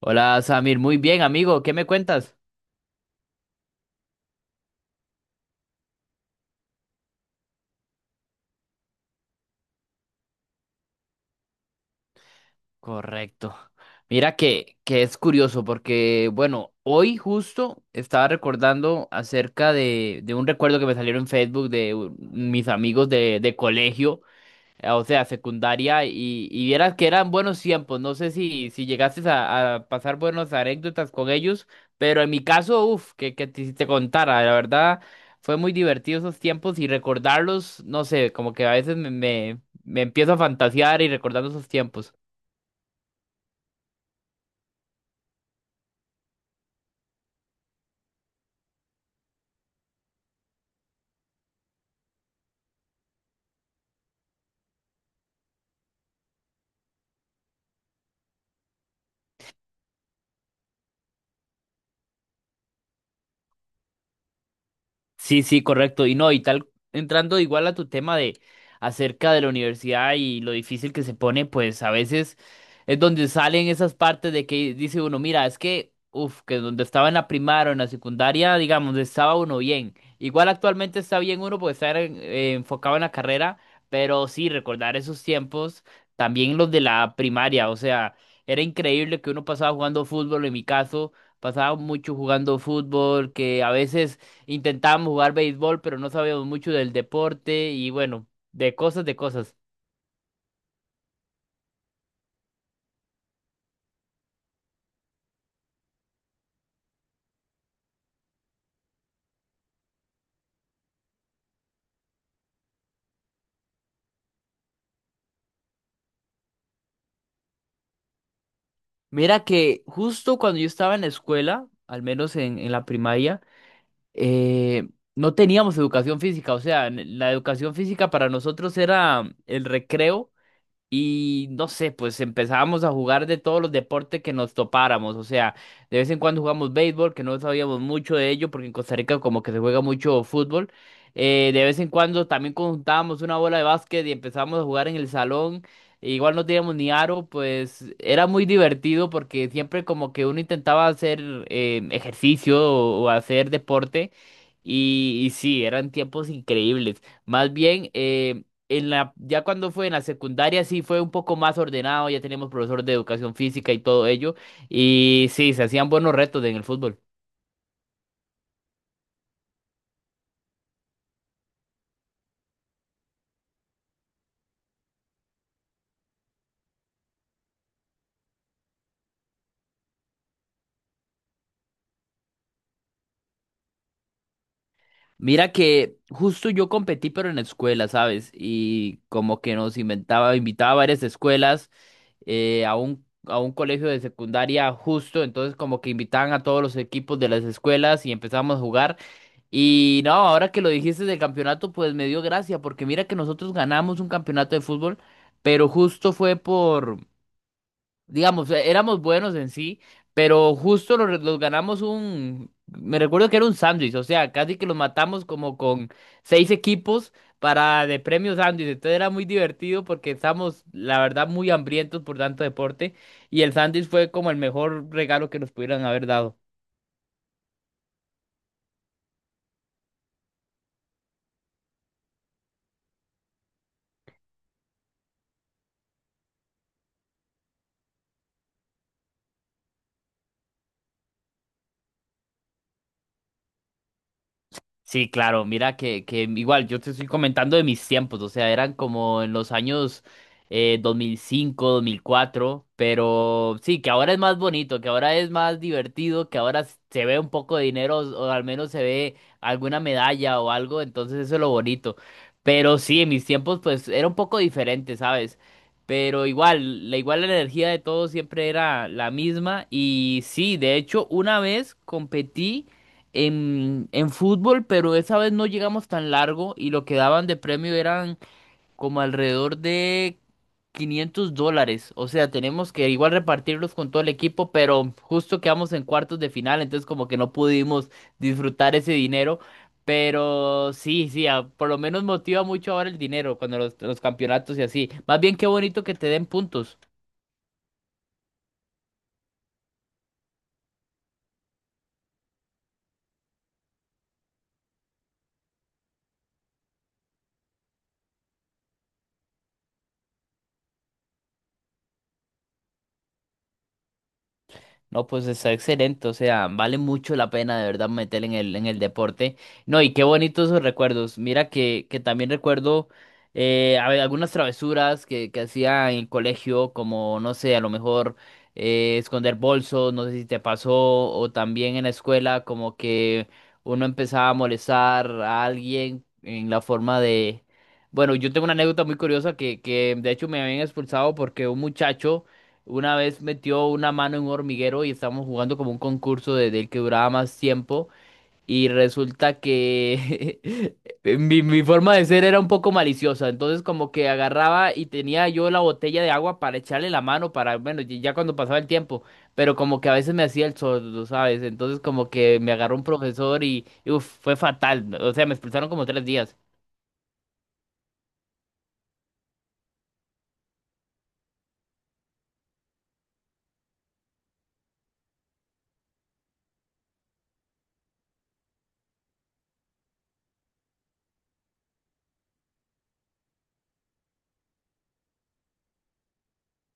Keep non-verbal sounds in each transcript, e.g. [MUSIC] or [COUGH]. Hola Samir, muy bien amigo, ¿qué me cuentas? Correcto. Mira que es curioso porque, bueno, hoy justo estaba recordando acerca de un recuerdo que me salieron en Facebook de mis amigos de colegio o sea, secundaria, y vieras que eran buenos tiempos. No sé si llegaste a pasar buenas anécdotas con ellos, pero en mi caso, uff, si te contara, la verdad, fue muy divertido esos tiempos y recordarlos, no sé, como que a veces me empiezo a fantasear y recordando esos tiempos. Sí, sí, correcto. Y no, y tal, entrando igual a tu tema de acerca de la universidad y lo difícil que se pone, pues a veces es donde salen esas partes de que dice uno, mira, es que, uff, que donde estaba en la primaria o en la secundaria, digamos, estaba uno bien. Igual actualmente está bien uno porque está enfocado en la carrera, pero sí, recordar esos tiempos, también los de la primaria, o sea, era increíble que uno pasaba jugando fútbol, en mi caso. Pasaba mucho jugando fútbol, que a veces intentábamos jugar béisbol, pero no sabíamos mucho del deporte y bueno, de cosas, de cosas. Mira que justo cuando yo estaba en la escuela, al menos en la primaria, eh, no teníamos educación física. O sea, la educación física para nosotros era el recreo. Y no sé, pues empezábamos a jugar de todos los deportes que nos topáramos. O sea, de vez en cuando jugamos béisbol, que no sabíamos mucho de ello, porque en Costa Rica como que se juega mucho fútbol. De vez en cuando también conjuntábamos una bola de básquet y empezábamos a jugar en el salón. E igual no teníamos ni aro, pues era muy divertido porque siempre como que uno intentaba hacer ejercicio o hacer deporte. Y sí, eran tiempos increíbles. Más bien, ya cuando fue en la secundaria sí fue un poco más ordenado, ya teníamos profesor de educación física y todo ello, y sí, se hacían buenos retos en el fútbol. Mira que justo yo competí, pero en la escuela, ¿sabes? Y como que nos invitaba a varias escuelas, a un colegio de secundaria justo, entonces como que invitaban a todos los equipos de las escuelas y empezamos a jugar. Y no, ahora que lo dijiste del campeonato, pues me dio gracia, porque mira que nosotros ganamos un campeonato de fútbol, pero justo fue por, digamos, éramos buenos en sí, pero justo los ganamos me recuerdo que era un sándwich, o sea, casi que los matamos como con seis equipos para de premio sándwich, entonces era muy divertido porque estábamos, la verdad, muy hambrientos por tanto deporte, y el sándwich fue como el mejor regalo que nos pudieran haber dado. Sí, claro, mira que igual yo te estoy comentando de mis tiempos, o sea, eran como en los años 2005, 2004. Pero sí, que ahora es más bonito, que ahora es más divertido, que ahora se ve un poco de dinero o al menos se ve alguna medalla o algo, entonces eso es lo bonito. Pero sí, en mis tiempos pues era un poco diferente, ¿sabes? Pero igual la energía de todos siempre era la misma y sí, de hecho, una vez competí en fútbol, pero esa vez no llegamos tan largo y lo que daban de premio eran como alrededor de $500. O sea, tenemos que igual repartirlos con todo el equipo, pero justo quedamos en cuartos de final, entonces como que no pudimos disfrutar ese dinero. Pero sí, sí, por lo menos motiva mucho ahora el dinero cuando los campeonatos y así. Más bien qué bonito que te den puntos. No, pues está excelente, o sea, vale mucho la pena de verdad meter en el deporte. No, y qué bonitos esos recuerdos. Mira que también recuerdo algunas travesuras que hacía en el colegio, como, no sé, a lo mejor esconder bolsos, no sé si te pasó, o también en la escuela, como que uno empezaba a molestar a alguien en la forma de. Bueno, yo tengo una anécdota muy curiosa que de hecho me habían expulsado porque un muchacho. Una vez metió una mano en un hormiguero y estábamos jugando como un concurso del que duraba más tiempo. Y resulta que [LAUGHS] mi forma de ser era un poco maliciosa. Entonces como que agarraba y tenía yo la botella de agua para echarle la mano para, bueno, y ya cuando pasaba el tiempo. Pero como que a veces me hacía el sordo, ¿sabes? Entonces como que me agarró un profesor y fue fatal. O sea, me expulsaron como 3 días.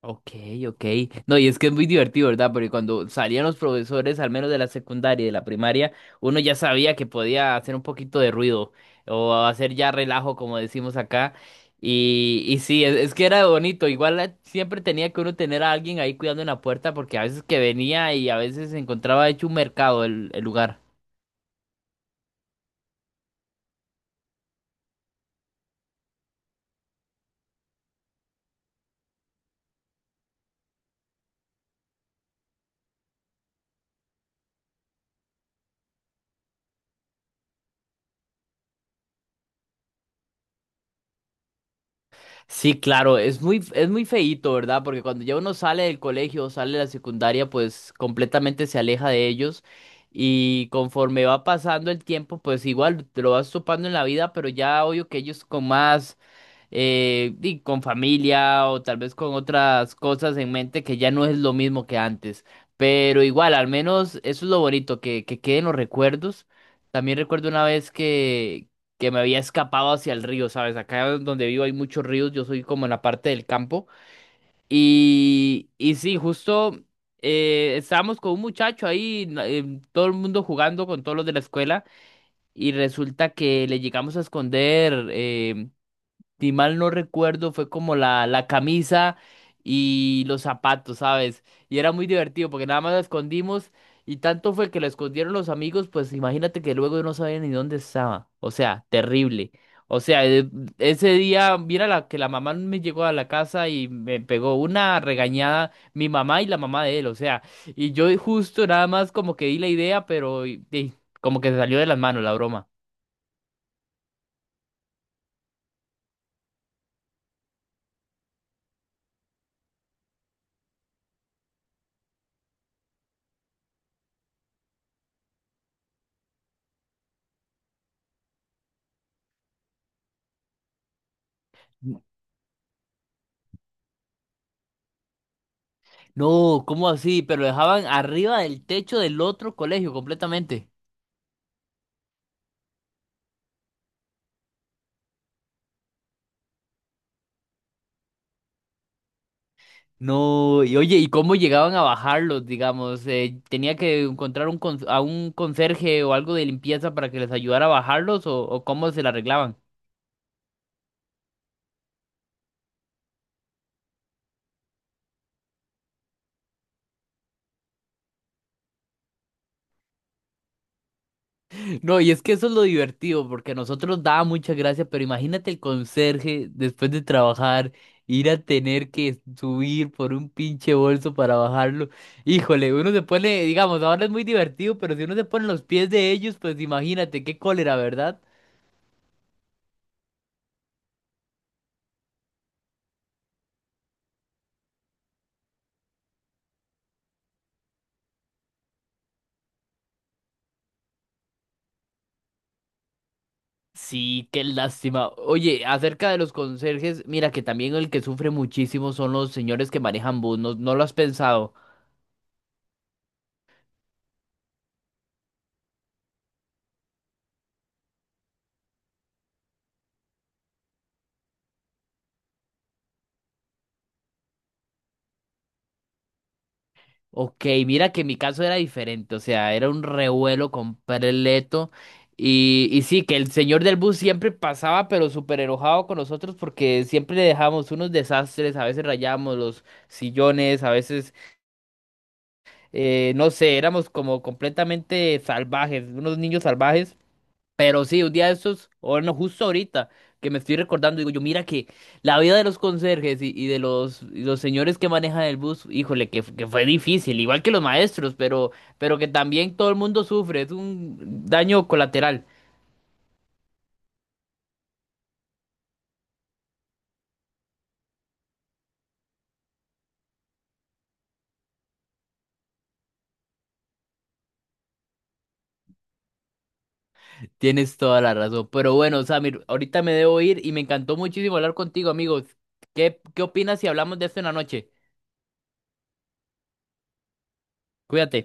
Ok, ok. No, y es que es muy divertido, ¿verdad? Porque cuando salían los profesores, al menos de la secundaria y de la primaria, uno ya sabía que podía hacer un poquito de ruido o hacer ya relajo, como decimos acá. Y sí, es que era bonito. Igual siempre tenía que uno tener a alguien ahí cuidando en la puerta porque a veces que venía y a veces se encontraba hecho un mercado el lugar. Sí, claro, es muy feíto, ¿verdad? Porque cuando ya uno sale del colegio o sale de la secundaria, pues completamente se aleja de ellos. Y conforme va pasando el tiempo, pues igual te lo vas topando en la vida, pero ya obvio que ellos con más, y con familia o tal vez con otras cosas en mente que ya no es lo mismo que antes. Pero igual, al menos eso es lo bonito, que queden los recuerdos. También recuerdo una vez que me había escapado hacia el río, ¿sabes? Acá donde vivo hay muchos ríos, yo soy como en la parte del campo. Y sí, justo estábamos con un muchacho ahí, todo el mundo jugando con todos los de la escuela, y resulta que le llegamos a esconder. Si mal no recuerdo, fue como la camisa y los zapatos, ¿sabes? Y era muy divertido porque nada más lo escondimos y tanto fue que lo escondieron los amigos, pues imagínate que luego no sabían ni dónde estaba. O sea, terrible. O sea, ese día, mira que la mamá me llegó a la casa y me pegó una regañada mi mamá y la mamá de él, o sea, y yo justo nada más como que di la idea, pero y como que se salió de las manos la broma. No, ¿cómo así? Pero dejaban arriba del techo del otro colegio completamente. No, y oye, ¿y cómo llegaban a bajarlos, digamos? ¿Tenía que encontrar a un conserje o algo de limpieza para que les ayudara a bajarlos o cómo se la arreglaban? No, y es que eso es lo divertido, porque a nosotros daba mucha gracia, pero imagínate el conserje después de trabajar, ir a tener que subir por un pinche bolso para bajarlo. Híjole, uno se pone, digamos, ahora es muy divertido, pero si uno se pone en los pies de ellos, pues imagínate, qué cólera, ¿verdad? Sí, qué lástima. Oye, acerca de los conserjes, mira que también el que sufre muchísimo son los señores que manejan bus, ¿no, no lo has pensado? Ok, mira que mi caso era diferente, o sea, era un revuelo completo. Y sí, que el señor del bus siempre pasaba, pero súper enojado con nosotros porque siempre le dejábamos unos desastres, a veces rayábamos los sillones, a veces, no sé, éramos como completamente salvajes, unos niños salvajes. Pero sí, un día de estos, o bueno, justo ahorita que me estoy recordando, digo yo, mira que la vida de los conserjes y y los señores que manejan el bus, híjole, que fue difícil, igual que los maestros, pero que también todo el mundo sufre, es un daño colateral. Tienes toda la razón. Pero bueno, Samir, ahorita me debo ir y me encantó muchísimo hablar contigo, amigos. ¿Qué opinas si hablamos de esto en la noche? Cuídate.